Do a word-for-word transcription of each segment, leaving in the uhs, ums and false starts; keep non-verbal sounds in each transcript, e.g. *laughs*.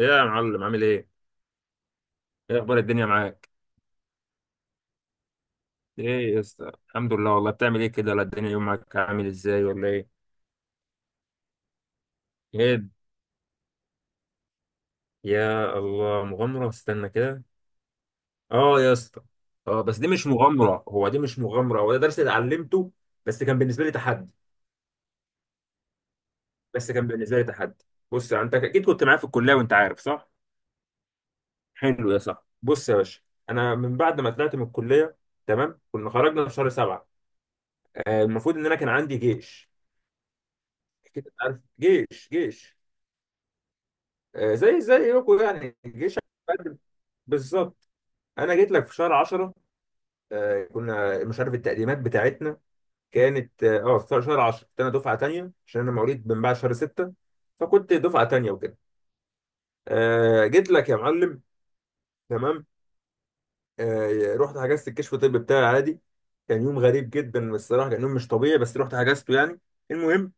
ايه يا معلم، عامل ايه؟ ايه اخبار الدنيا معاك؟ ايه يا اسطى؟ الحمد لله والله، بتعمل ايه كده؟ ولا الدنيا يومك عامل ازاي ولا ايه؟ ايه يا الله مغامرة، استنى كده. اه يا اسطى، اه بس دي مش مغامرة، هو دي مش مغامرة هو ده درس اتعلمته. بس كان بالنسبة لي تحدي. بس كان بالنسبة لي تحدي بص يعني، انت اكيد كنت معايا في الكلية وانت عارف، صح؟ حلو يا صاحبي، بص يا باشا. انا من بعد ما طلعت من الكلية، تمام، كنا خرجنا في شهر سبعة. آه، المفروض ان انا كان عندي جيش. اكيد أنت عارف، جيش جيش. آه، زي زي يوكو يعني الجيش. قدم، بالظبط. انا جيت لك في شهر عشرة. آه، كنا مش عارف التقديمات بتاعتنا كانت اه آه، في شهر عشرة. كنت انا دفعه تانية عشان انا مواليد من بعد شهر ستة، فكنت دفعه تانية وكده. آه، جيت لك يا معلم، تمام. آه، رحت حجزت الكشف الطبي بتاعي عادي. كان يوم غريب جدا الصراحه، كان يوم مش طبيعي، بس رحت حجزته يعني. المهم،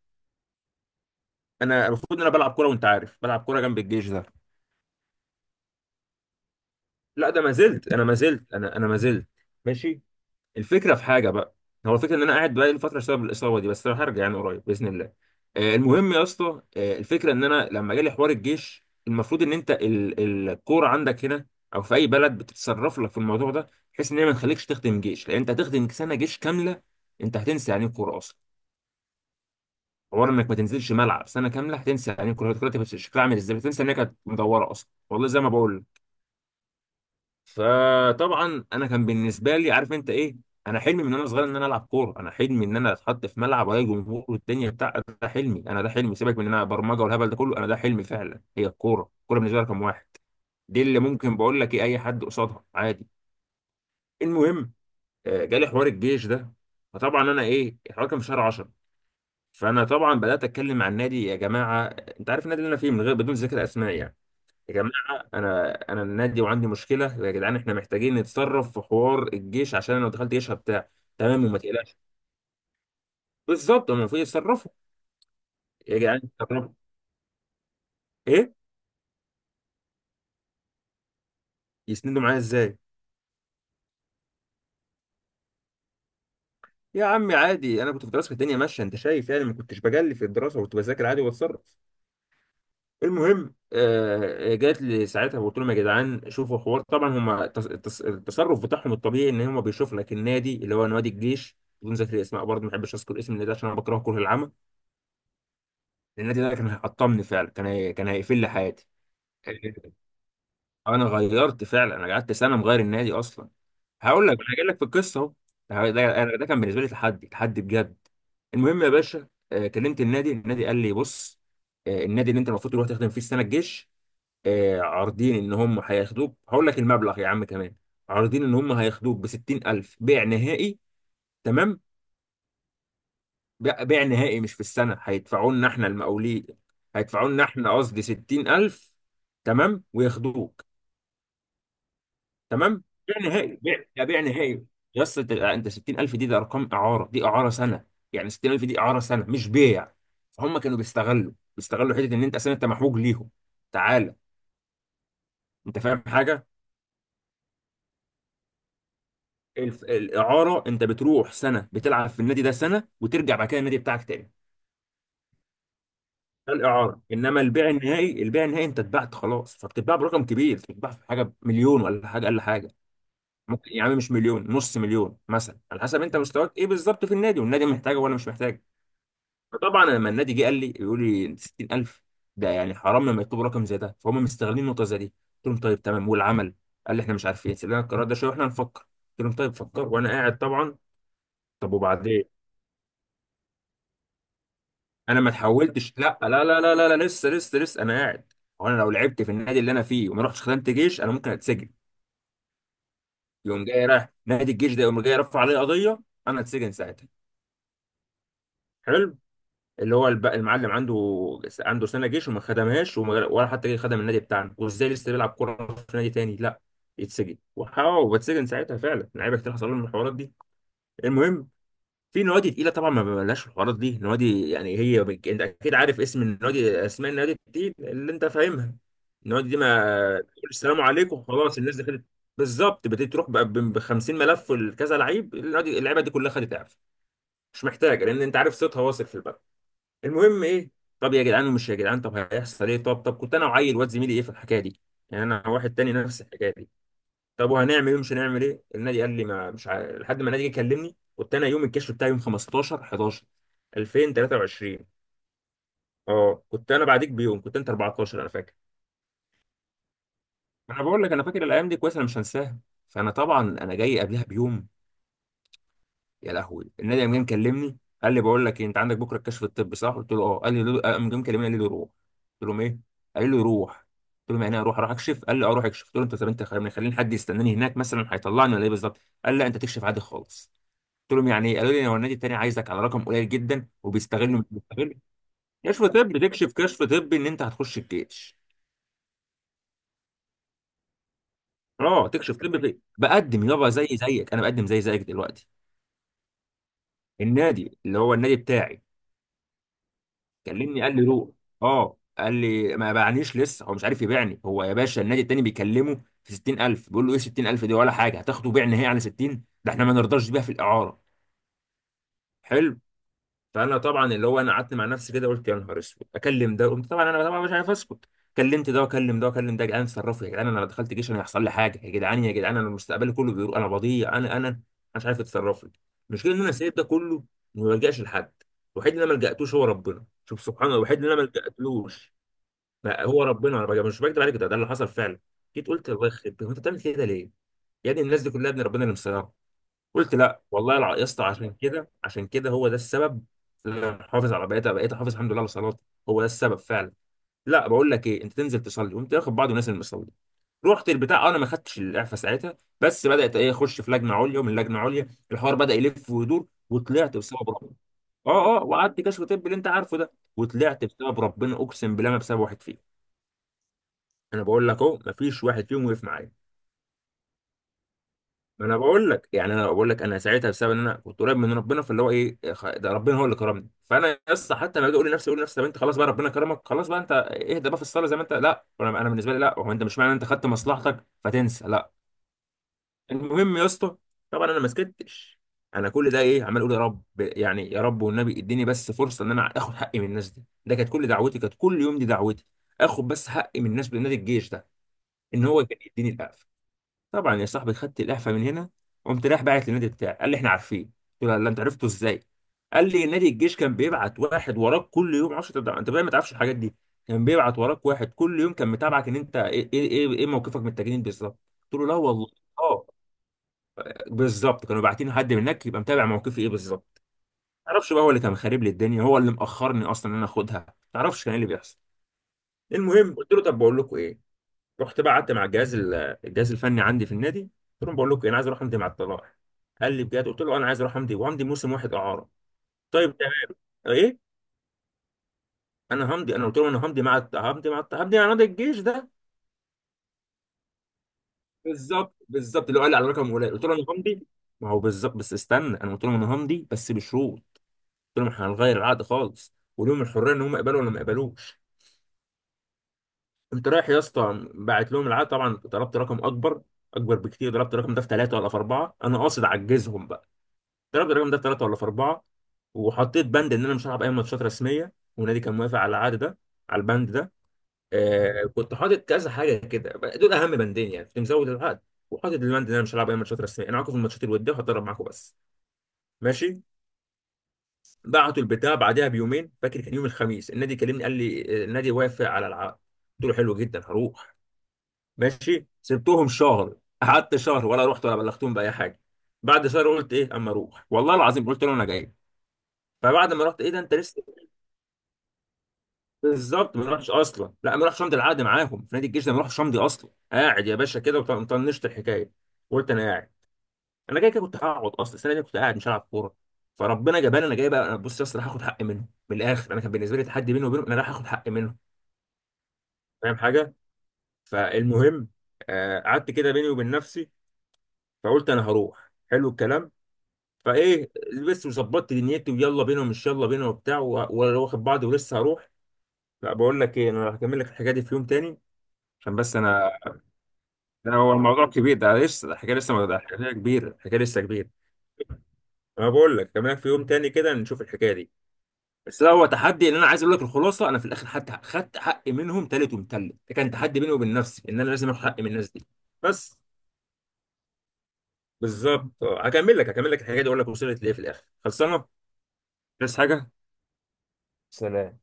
انا المفروض ان انا بلعب كوره، وانت عارف بلعب كوره جنب الجيش ده. لا، ده ما زلت انا ما زلت انا انا ما زلت. ماشي، الفكره في حاجه بقى. هو الفكره ان انا قاعد بقالي فتره بسبب الاصابه دي، بس انا هرجع يعني قريب باذن الله. آه، المهم يا اسطى، آه، الفكره ان انا لما جالي حوار الجيش، المفروض ان انت ال- الكوره عندك هنا او في اي بلد بتتصرف لك في الموضوع ده، بحيث ان هي ما تخليكش تخدم جيش، لان انت هتخدم سنه جيش كامله. انت هتنسى يعني ايه كوره اصلا. حوار انك ما تنزلش ملعب سنه كامله، هتنسى يعني ايه كوره، هتبقى شكلها عامل ازاي، هتنسى ان هي كانت مدوره اصلا. والله زي ما بقول لك. فطبعا انا كان بالنسبه لي، عارف انت ايه؟ انا حلمي من وانا صغير ان انا العب كوره. انا حلمي ان انا اتحط في ملعب والاقي جمهور والدنيا بتاع. ده حلمي انا، ده حلمي، سيبك من ان انا برمجه والهبل ده كله، انا ده حلمي فعلا. هي الكوره، الكوره بالنسبه لي رقم واحد. دي اللي ممكن بقول لك ايه، اي حد قصادها عادي. المهم، آه، جالي حوار الجيش ده. فطبعا انا ايه، الحوار كان في شهر عشرة. فانا طبعا بدات اتكلم مع النادي. يا جماعه، انت عارف النادي اللي انا فيه، من غير بدون ذكر اسماء يعني. يا جماعه، انا انا النادي وعندي مشكله، يا جدعان احنا محتاجين نتصرف في حوار الجيش، عشان أنا لو دخلت جيش هبتاع. تمام وما تقلقش، بالظبط هم المفروض يتصرفوا. يا جدعان يتصرفوا. ايه، يسندوا معايا ازاي؟ يا عمي عادي، انا كنت في دراسه الدنيا ماشيه، انت شايف يعني، ما كنتش بجلي في الدراسه، كنت بذاكر عادي وبتصرف. المهم، آه جات لي ساعتها وقلت لهم يا جدعان شوفوا حوار. طبعا هم التصرف بتاعهم الطبيعي ان هم بيشوفوا لك النادي اللي هو نوادي الجيش، بدون ذكر اسماء برضه، ما بحبش اذكر اسم النادي عشان انا بكرهه كره العمى. النادي ده كان هيحطمني فعلا، كان هي... كان هيقفل لي حياتي. انا غيرت فعلا، انا قعدت سنه مغير النادي اصلا. هقول لك، انا جاي لك في القصه. اهو ده ده- انا ده كان بالنسبه لي تحدي، تحدي بجد. المهم يا باشا، آه، كلمت النادي، النادي قال لي بص، آه، النادي اللي انت المفروض تروح تخدم فيه السنه الجيش، آه، عارضين ان هم هياخدوك، هقول لك المبلغ يا عم كمان، عارضين ان هم هياخدوك ب ستين ألف بيع نهائي، تمام. بيع بيع نهائي، مش في السنة، هيدفعوا لنا احنا المقاولين، هيدفعوا لنا احنا، قصدي ستين ألف، تمام وياخدوك. تمام، بيع نهائي، بيع، ده بيع نهائي. يا اسطى، انت انت ستين ألف دي، ده ارقام اعارة، دي اعارة سنة. يعني ستين ألف دي اعارة سنة، مش بيع. فهم كانوا بيستغلوا بيستغلوا حتة ان انت اصلا انت محوج ليهم. تعالى، انت فاهم حاجة؟ الف- الإعارة، أنت بتروح سنة، بتلعب في النادي ده سنة، وترجع بعد كده النادي بتاعك تاني. الاعاره. انما البيع النهائي، البيع النهائي انت اتبعت خلاص، فبتتباع برقم كبير، بتتباع في حاجه مليون ولا حاجه، اقل حاجه ممكن يا عم، مش مليون، نص مليون مثلا، على حسب انت مستواك ايه بالظبط في النادي، والنادي محتاجه ولا مش محتاجه. فطبعا لما النادي جه قال لي، يقول لي ستين ألف، ده يعني حرام لما يطلبوا رقم زي ده، فهم مستغلين النقطه زي دي. قلت لهم طيب، تمام والعمل. قال لي احنا مش عارفين، سيب لنا القرار ده شويه واحنا نفكر. قلت لهم طيب فكر، وانا قاعد طبعا. طب وبعدين، انا ما اتحولتش، لا لا لا لا لا, لا لسه لسه لسه انا قاعد. هو انا لو لعبت في النادي اللي انا فيه وما رحتش خدمت جيش، انا ممكن اتسجن. يقوم جاي رايح نادي الجيش ده، يقوم جاي رفع عليه قضيه، انا اتسجن ساعتها. حلو، اللي هو الب- المعلم عنده، عنده سنه جيش وما خدمهاش، وما- ولا حتى جه خدم النادي بتاعنا، وازاي لسه بيلعب كوره في نادي تاني؟ لا، يتسجن. وحاول، واتسجن ساعتها فعلا لعيبه كتير حصل لهم الحوارات دي. المهم، في نوادي تقيله طبعا، ما ببلاش الحوارات دي، نوادي يعني هي بك... انت اكيد عارف اسم النوادي، اسماء النوادي دي اللي انت فاهمها. النوادي دي ما تقول السلام عليكم، خلاص الناس دخلت. بالظبط، بتبتدي تروح بقى ب خمسين ملف لكذا لعيب، النادي اللعيبه دي كلها خدت اعفاء، مش محتاجه، لان انت عارف صوتها واصل في البلد. المهم ايه، طب يا جدعان، ومش يا جدعان طب، هيحصل ايه؟ طب طب كنت انا وعيل واد زميلي ايه في الحكايه دي، يعني انا واحد تاني نفس الحكايه دي. طب وهنعمل ايه، مش هنعمل ايه؟ النادي قال لي ما مش عارف، لحد ما النادي جه كلمني. كنت انا يوم الكشف بتاعي يوم خمستاشر حداشر ألفين وثلاثة وعشرين. اه كنت انا بعديك بيوم، كنت انت اربعتاشر، انا فاكر. انا بقول لك، انا فاكر الايام دي كويس، انا مش هنساها. فانا طبعا انا جاي قبلها بيوم. يا لهوي، النادي قام جاي مكلمني، قال لي بقول لك إيه، انت عندك بكره الكشف الطبي صح؟ قلت له اه. قال لي ليه- قام جاي مكلمني قال لي روح. قلت لهم ايه؟ قال لي روح. قلت لهم يعني ايه اروح، اروح اكشف؟ قال لي اه روح اكشف. قلت له انت، طب انت خليني، خليني حد يستناني هناك مثلا، هيطلعني، ولا ايه بالظبط؟ قال لا، انت تكشف عادي خالص. قلت لهم يعني ايه؟ قالوا لي هو النادي التاني عايزك على رقم قليل جدا وبيستغلوا *laughs* مش بيستغلوا. كشف طبي، تكشف كشف طبي ان انت هتخش الجيش. اه، تكشف طبي، بقدم يابا زي زيك، انا بقدم زي زيك دلوقتي. النادي اللي هو النادي بتاعي كلمني قال لي روح. اه، قال لي ما باعنيش لسه، هو مش عارف يبيعني. هو يا باشا، النادي التاني بيكلمه في ستين ألف، بيقول له ايه ستين ألف دي ولا حاجه، هتاخده بيع نهائي على ستين؟ ده احنا ما نرضاش بيها في الاعاره. حلو. فانا طبعا اللي هو، انا قعدت مع نفسي كده، قلت يا نهار اسود، اكلم ده، قمت طبعا انا طبعا مش عارف اسكت، كلمت ده وكلم ده وكلم ده. يا جدعان اتصرفوا، يا جدعان انا لو دخلت جيش انا هيحصل لي حاجه، يا جدعان يا جدعان انا مستقبلي كله بيقول انا بضيع، انا انا مش عارف اتصرف لي. المشكله ان انا سايب ده كله، وما بلجاش لحد. الوحيد اللي انا ما لجأتوش هو ربنا. شوف سبحان الله، الوحيد اللي انا ما لجأتلوش ما هو ربنا. انا بقى- مش بكدب عليك، ده ده اللي حصل فعلا. جيت قلت، الله يخرب بيت، هو انت بتعمل كده ليه؟ يا ابني الناس دي كلها، ابن ربنا اللي مسيطر. قلت لا والله، الع- يا اسطى عشان كده، عشان كده هو ده السبب اللي انا حافظ على بقيت بقيت حافظ الحمد لله على صلاتي. هو ده السبب فعلا. لا بقول لك ايه، انت تنزل تصلي، وانت واخد بعض ونازل مصلي. رحت البتاع، أه، انا ما خدتش الاعفاء ساعتها، بس بدات ايه، اخش في لجنه عليا، ومن لجنه عليا الحوار بدا يلف ويدور، وطلعت بسبب ربنا. اه اه وقعدت كشف طب اللي انت عارفه ده، وطلعت بسبب ربنا، اقسم بالله، ما بسبب واحد فيهم. انا بقول لك اهو، ما فيش واحد فيهم وقف معايا. ما انا بقول لك يعني، انا بقول لك، انا ساعتها بسبب ان انا كنت قريب من ربنا، فاللي هو ايه خ- ده ربنا هو اللي كرمني. فانا يا اسطى حتى لما اجي اقول لنفسي اقول لنفسي طب انت خلاص بقى، ربنا كرمك خلاص بقى، انت اهدى بقى في الصلاه زي ما انت، لا، انا أنا بالنسبه لي لا، هو انت مش معنى انت خدت مصلحتك فتنسى، لا. المهم يا اسطى، طبعا انا ما سكتش، انا كل ده ايه، عمال اقول يا رب، يعني يا رب والنبي اديني بس فرصه ان انا اخد حقي من الناس دي. ده كانت كل دعوتي، كانت كل يوم دي دعوتي، اخد بس حقي من الناس بنادي الجيش ده ان هو كان يديني القفل. طبعا يا صاحبي، خدت الاعفاء من هنا، قمت رايح باعت للنادي بتاعي. قال لي احنا عارفين. قلت له لا، انت عرفته ازاي؟ قال لي نادي الجيش كان بيبعت واحد وراك كل يوم، معرفش، انت انت بقى ما تعرفش الحاجات دي، كان بيبعت وراك واحد كل يوم، كان متابعك ان انت ايه ايه ايه, إيه موقفك من التجنيد بالظبط. قلت له لا والله. اه، بالظبط، كانوا باعتين حد من هناك يبقى متابع موقفي ايه بالظبط. ما اعرفش بقى، هو اللي كان خارب لي الدنيا، هو اللي مأخرني اصلا ان انا اخدها. ما اعرفش كان ايه اللي بيحصل. المهم، قلت له طب بقول لكم ايه، رحت بقى قعدت مع الجهاز ال- الجهاز الفني عندي في النادي، قلت لهم بقول لكم انا عايز اروح امضي مع الطلائع. قال لي بجد؟ قلت له انا عايز اروح امضي، وامضي موسم واحد اعاره. طيب تمام. ايه، انا همضي، انا قلت له انا همضي مع الت- همضي مع الت- همضي مع نادي الجيش ده. بالظبط، بالظبط، اللي هو قال لي على رقم ولاد. قلت له انا همضي، ما هو بالظبط، بس استنى، انا قلت لهم انا همضي بس بشروط. قلت لهم احنا هنغير العقد خالص، ولهم الحريه ان هم يقبلوا ولا ما يقبلوش. قمت رايح يا اسطى، باعت لهم العقد، طبعا طلبت رقم اكبر، اكبر بكتير، ضربت الرقم ده في ثلاثه ولا في اربعه، انا قاصد اعجزهم. ضربت الرقم ده في ثلاثه ولا في اربعه، وحطيت بند ان انا مش هلعب اي ماتشات رسميه، والنادي كان موافق على العقد ده، على البند ده. آه كنت حاطط كذا حاجه كده، دول اهم بندين يعني، كنت مزود العقد، وحاطط البند ان انا مش هلعب اي ماتشات رسميه، انا معاكم في الماتشات الوديه، وهتدرب معاكم بس، ماشي. بعتوا البتاع بعدها بيومين، فاكر كان يوم الخميس، النادي كلمني قال لي آه، النادي وافق على العقد. قلت له حلو جدا، هروح. ماشي سبتهم شهر، قعدت شهر ولا رحت ولا بلغتهم باي حاجه. بعد شهر قلت ايه، اما اروح، والله العظيم قلت له انا جاي. فبعد ما رحت، ايه ده انت لسه، بالظبط، ما راحش اصلا، لا، ما راحش امضي العقد معاهم في نادي الجيش ده، ما راحش امضي اصلا، قاعد يا باشا كده وط- وطنشت الحكايه. قلت انا قاعد، انا جاي كده كنت هقعد اصلا، السنه دي كنت قاعد مش هلعب كوره، فربنا جباني انا جاي بقى. انا بص يا اسطى، راح اخد حقي منه من الاخر، انا كان بالنسبه لي تحدي بيني وبينه، انا راح اخد حقي منه. فاهم حاجه؟ فالمهم، آه، قعدت كده بيني وبين نفسي، فقلت انا هروح. حلو الكلام. فايه، لبست وظبطت دنيتي، ويلا بينا، ومش يلا بينا، وبتاع، و- وواخد بعضي ولسه هروح. لا بقول لك ايه، انا هكمل لك الحكايه دي في يوم تاني، عشان بس انا، ده هو الموضوع كبير، ده لسه ده حكايه، لسه ده حكايه كبيره، حكايه لسه كبيره. انا بقول لك كمان في يوم تاني كده نشوف الحكايه دي. بس ده هو تحدي، ان انا عايز اقول لك الخلاصه، انا في الاخر حتى خدت حقي منهم تالت ومتلت، ده كان تحدي بيني وبين نفسي ان انا لازم اخد حقي من الناس دي. بس، بالظبط. آه، هكمل لك، هكمل لك الحكايه دي، اقول لك وصلت لايه في الاخر، خلصانه. بس حاجه، سلام.